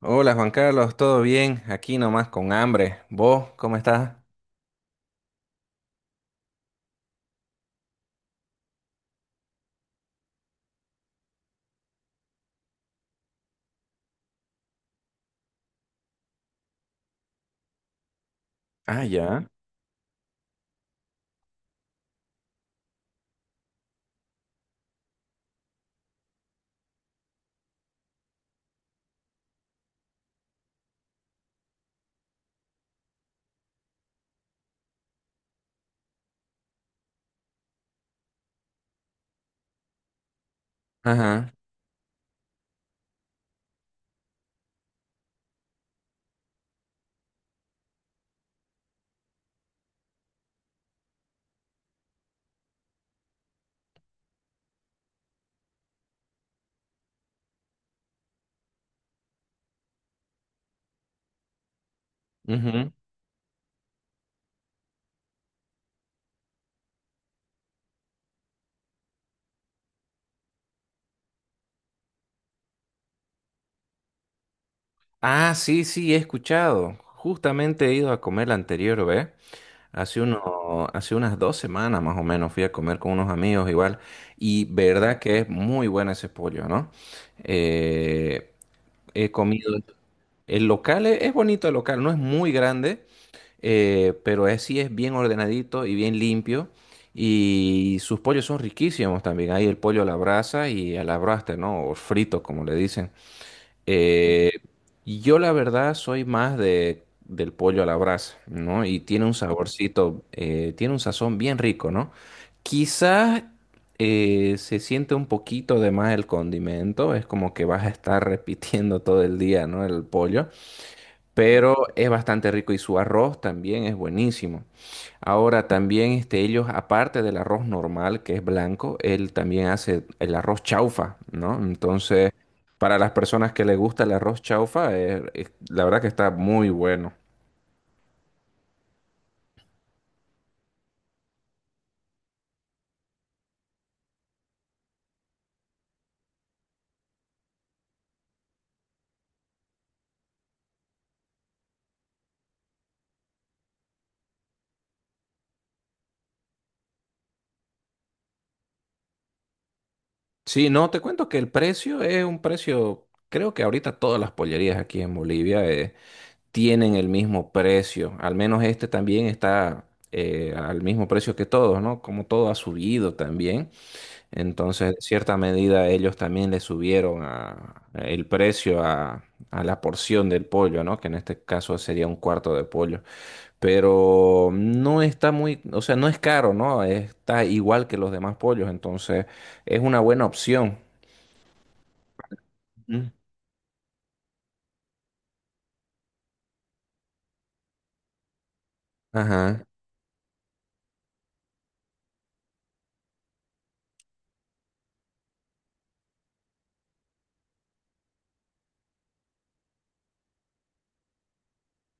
Hola Juan Carlos, ¿todo bien? Aquí nomás con hambre. ¿Vos cómo estás? Ah, ya. Ajá. Ujú. Ah, sí, sí, he escuchado. Justamente he ido a comer la anterior, ¿ves? Hace uno, hace unas dos semanas más o menos fui a comer con unos amigos igual. Y verdad que es muy bueno ese pollo, ¿no? Eh, He comido. El local es bonito, el local no es muy grande, pero sí es bien ordenadito y bien limpio. Y sus pollos son riquísimos también. Hay el pollo a la brasa y a la braster, ¿no? O frito, como le dicen. Eh, yo la verdad soy más de, del pollo a la brasa, ¿no? Y tiene un saborcito, tiene un sazón bien rico, ¿no? Quizás se siente un poquito de más el condimento, es como que vas a estar repitiendo todo el día, ¿no? El pollo, pero es bastante rico y su arroz también es buenísimo. Ahora también este, ellos, aparte del arroz normal, que es blanco, él también hace el arroz chaufa, ¿no? Entonces, para las personas que les gusta el arroz chaufa, la verdad que está muy bueno. Sí, no, te cuento que el precio es un precio, creo que ahorita todas las pollerías aquí en Bolivia tienen el mismo precio, al menos este también está al mismo precio que todos, ¿no? Como todo ha subido también. Entonces, en cierta medida, ellos también le subieron a- el precio a la porción del pollo, ¿no? Que en este caso sería un cuarto de pollo. Pero no está muy, o sea, no es caro, ¿no? Está igual que los demás pollos, entonces es una buena opción. Mm. Ajá.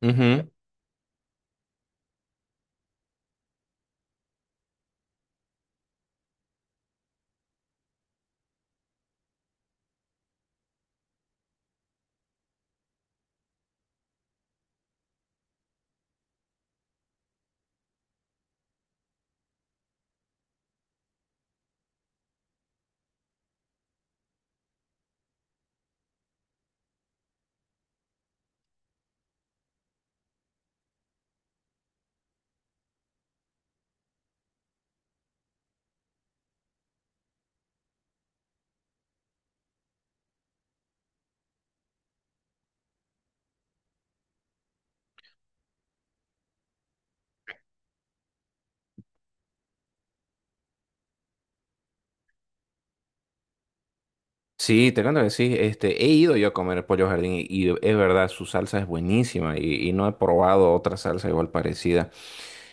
Ujú. Sí, te cuento que sí, este, he ido yo a comer pollo jardín y es verdad, su salsa es buenísima y no he probado otra salsa igual parecida.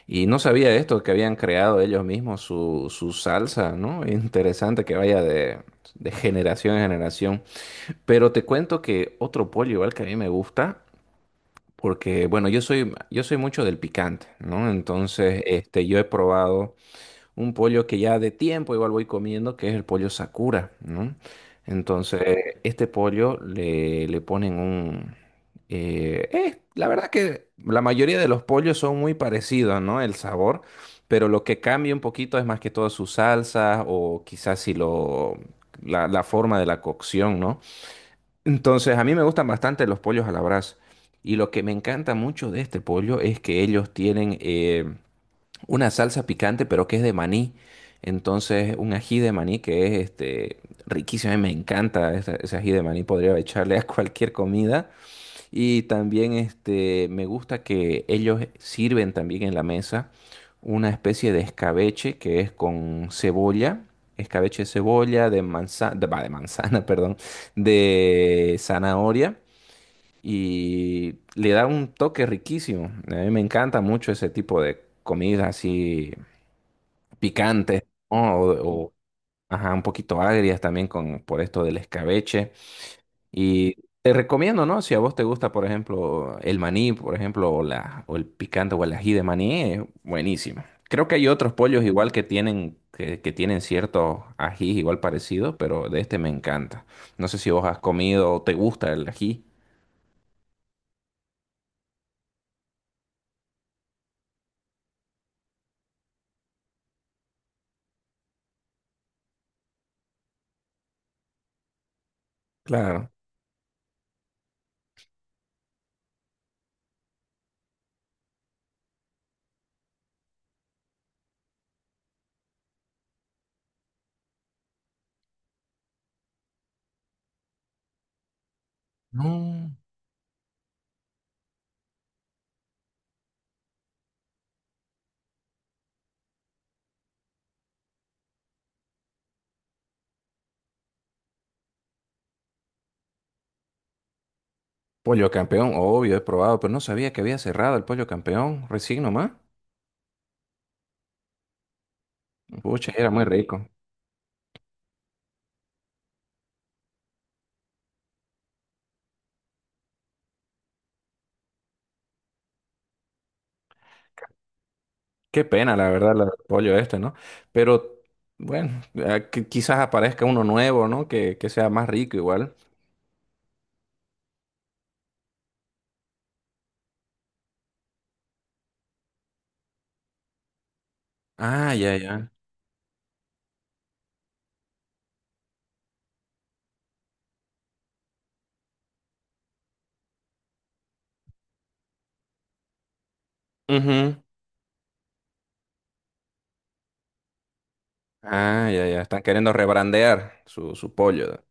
Y no sabía de esto, que habían creado ellos mismos su, su salsa, ¿no? Interesante que vaya de generación en generación. Pero te cuento que otro pollo igual que a mí me gusta, porque bueno, yo soy mucho del picante, ¿no? Entonces, este, yo he probado un pollo que ya de tiempo igual voy comiendo, que es el pollo Sakura, ¿no? Entonces, este pollo le ponen un... la verdad que la mayoría de los pollos son muy parecidos, ¿no? El sabor, pero lo que cambia un poquito es más que todo su salsa o quizás si lo... La forma de la cocción, ¿no? Entonces, a mí me gustan bastante los pollos a la brasa. Y lo que me encanta mucho de este pollo es que ellos tienen... una salsa picante, pero que es de maní. Entonces, un ají de maní que es este, riquísimo. A mí me encanta esa- ese, ají de maní. Podría echarle a cualquier comida. Y también este, me gusta que ellos sirven también en la mesa una especie de escabeche que es con cebolla. Escabeche de cebolla, de manzana, de, va, de manzana, perdón, de zanahoria y le da un toque riquísimo. A mí me encanta mucho ese tipo de comida así picante, ¿no? O, ajá, un poquito agrias también con, por esto del escabeche. Y te recomiendo, ¿no? Si a vos te gusta, por ejemplo, el maní, por ejemplo, o, la, o el picante o el ají de maní, es buenísimo. Creo que hay otros pollos igual que tienen, que tienen ciertos ajís igual parecidos, pero de este me encanta. No sé si vos has comido o te gusta el ají. Claro. No. Pollo Campeón, obvio, he probado, pero no sabía que había cerrado el Pollo Campeón, recién nomás. Pucha, era muy rico. Qué pena, la verdad, el pollo este, ¿no? Pero bueno, quizás aparezca uno nuevo, ¿no? Que sea más rico igual. Ah, ya, ya. Ujú. Ah, ya, ya. Están queriendo rebrandear su, su pollo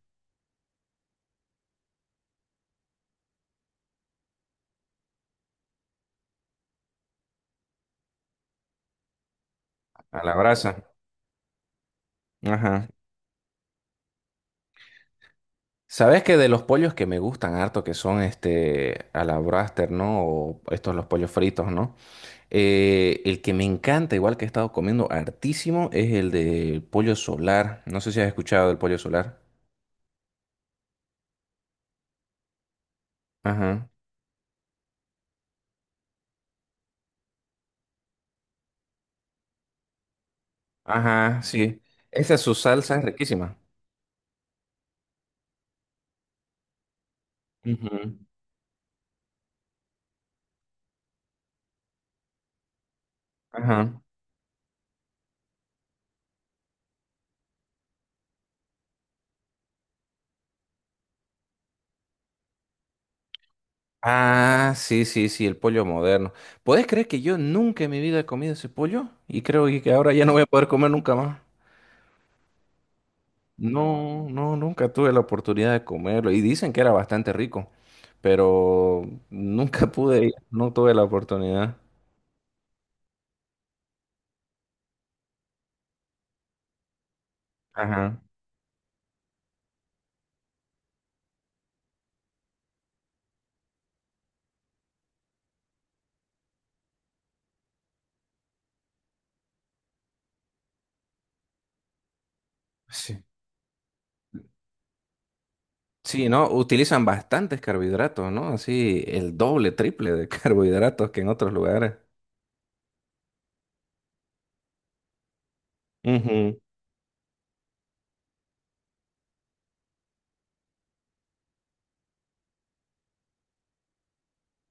a la brasa. Ajá. ¿Sabes que de los pollos que me gustan harto, que son este a la braster, ¿no? O estos los pollos fritos, ¿no? El que me encanta, igual que he estado comiendo hartísimo, es el del pollo solar. No sé si has escuchado del pollo solar. Ajá. Ajá, sí. Esa es su salsa es riquísima. Ujú. Ajá. Ah, sí, sí, sí, el pollo moderno. ¿Podés creer que yo nunca en mi vida he comido ese pollo? Y creo y que ahora ya no voy a poder comer nunca más. No, no, nunca tuve la oportunidad de comerlo. Y dicen que era bastante rico, pero nunca pude ir, no tuve la oportunidad. Ajá. Sí. Sí, ¿no? Utilizan bastantes carbohidratos, ¿no? Así el doble, triple de carbohidratos que en otros lugares. Ujú.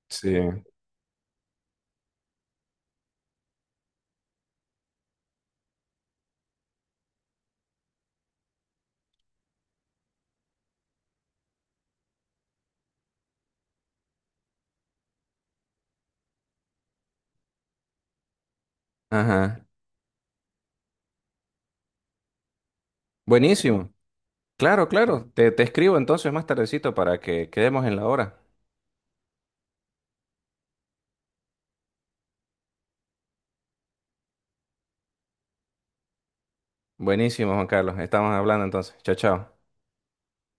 Sí. Ajá. Buenísimo. Claro, claro. Te escribo entonces más tardecito para que quedemos en la hora. Buenísimo, Juan Carlos. Estamos hablando entonces. Chao, chao.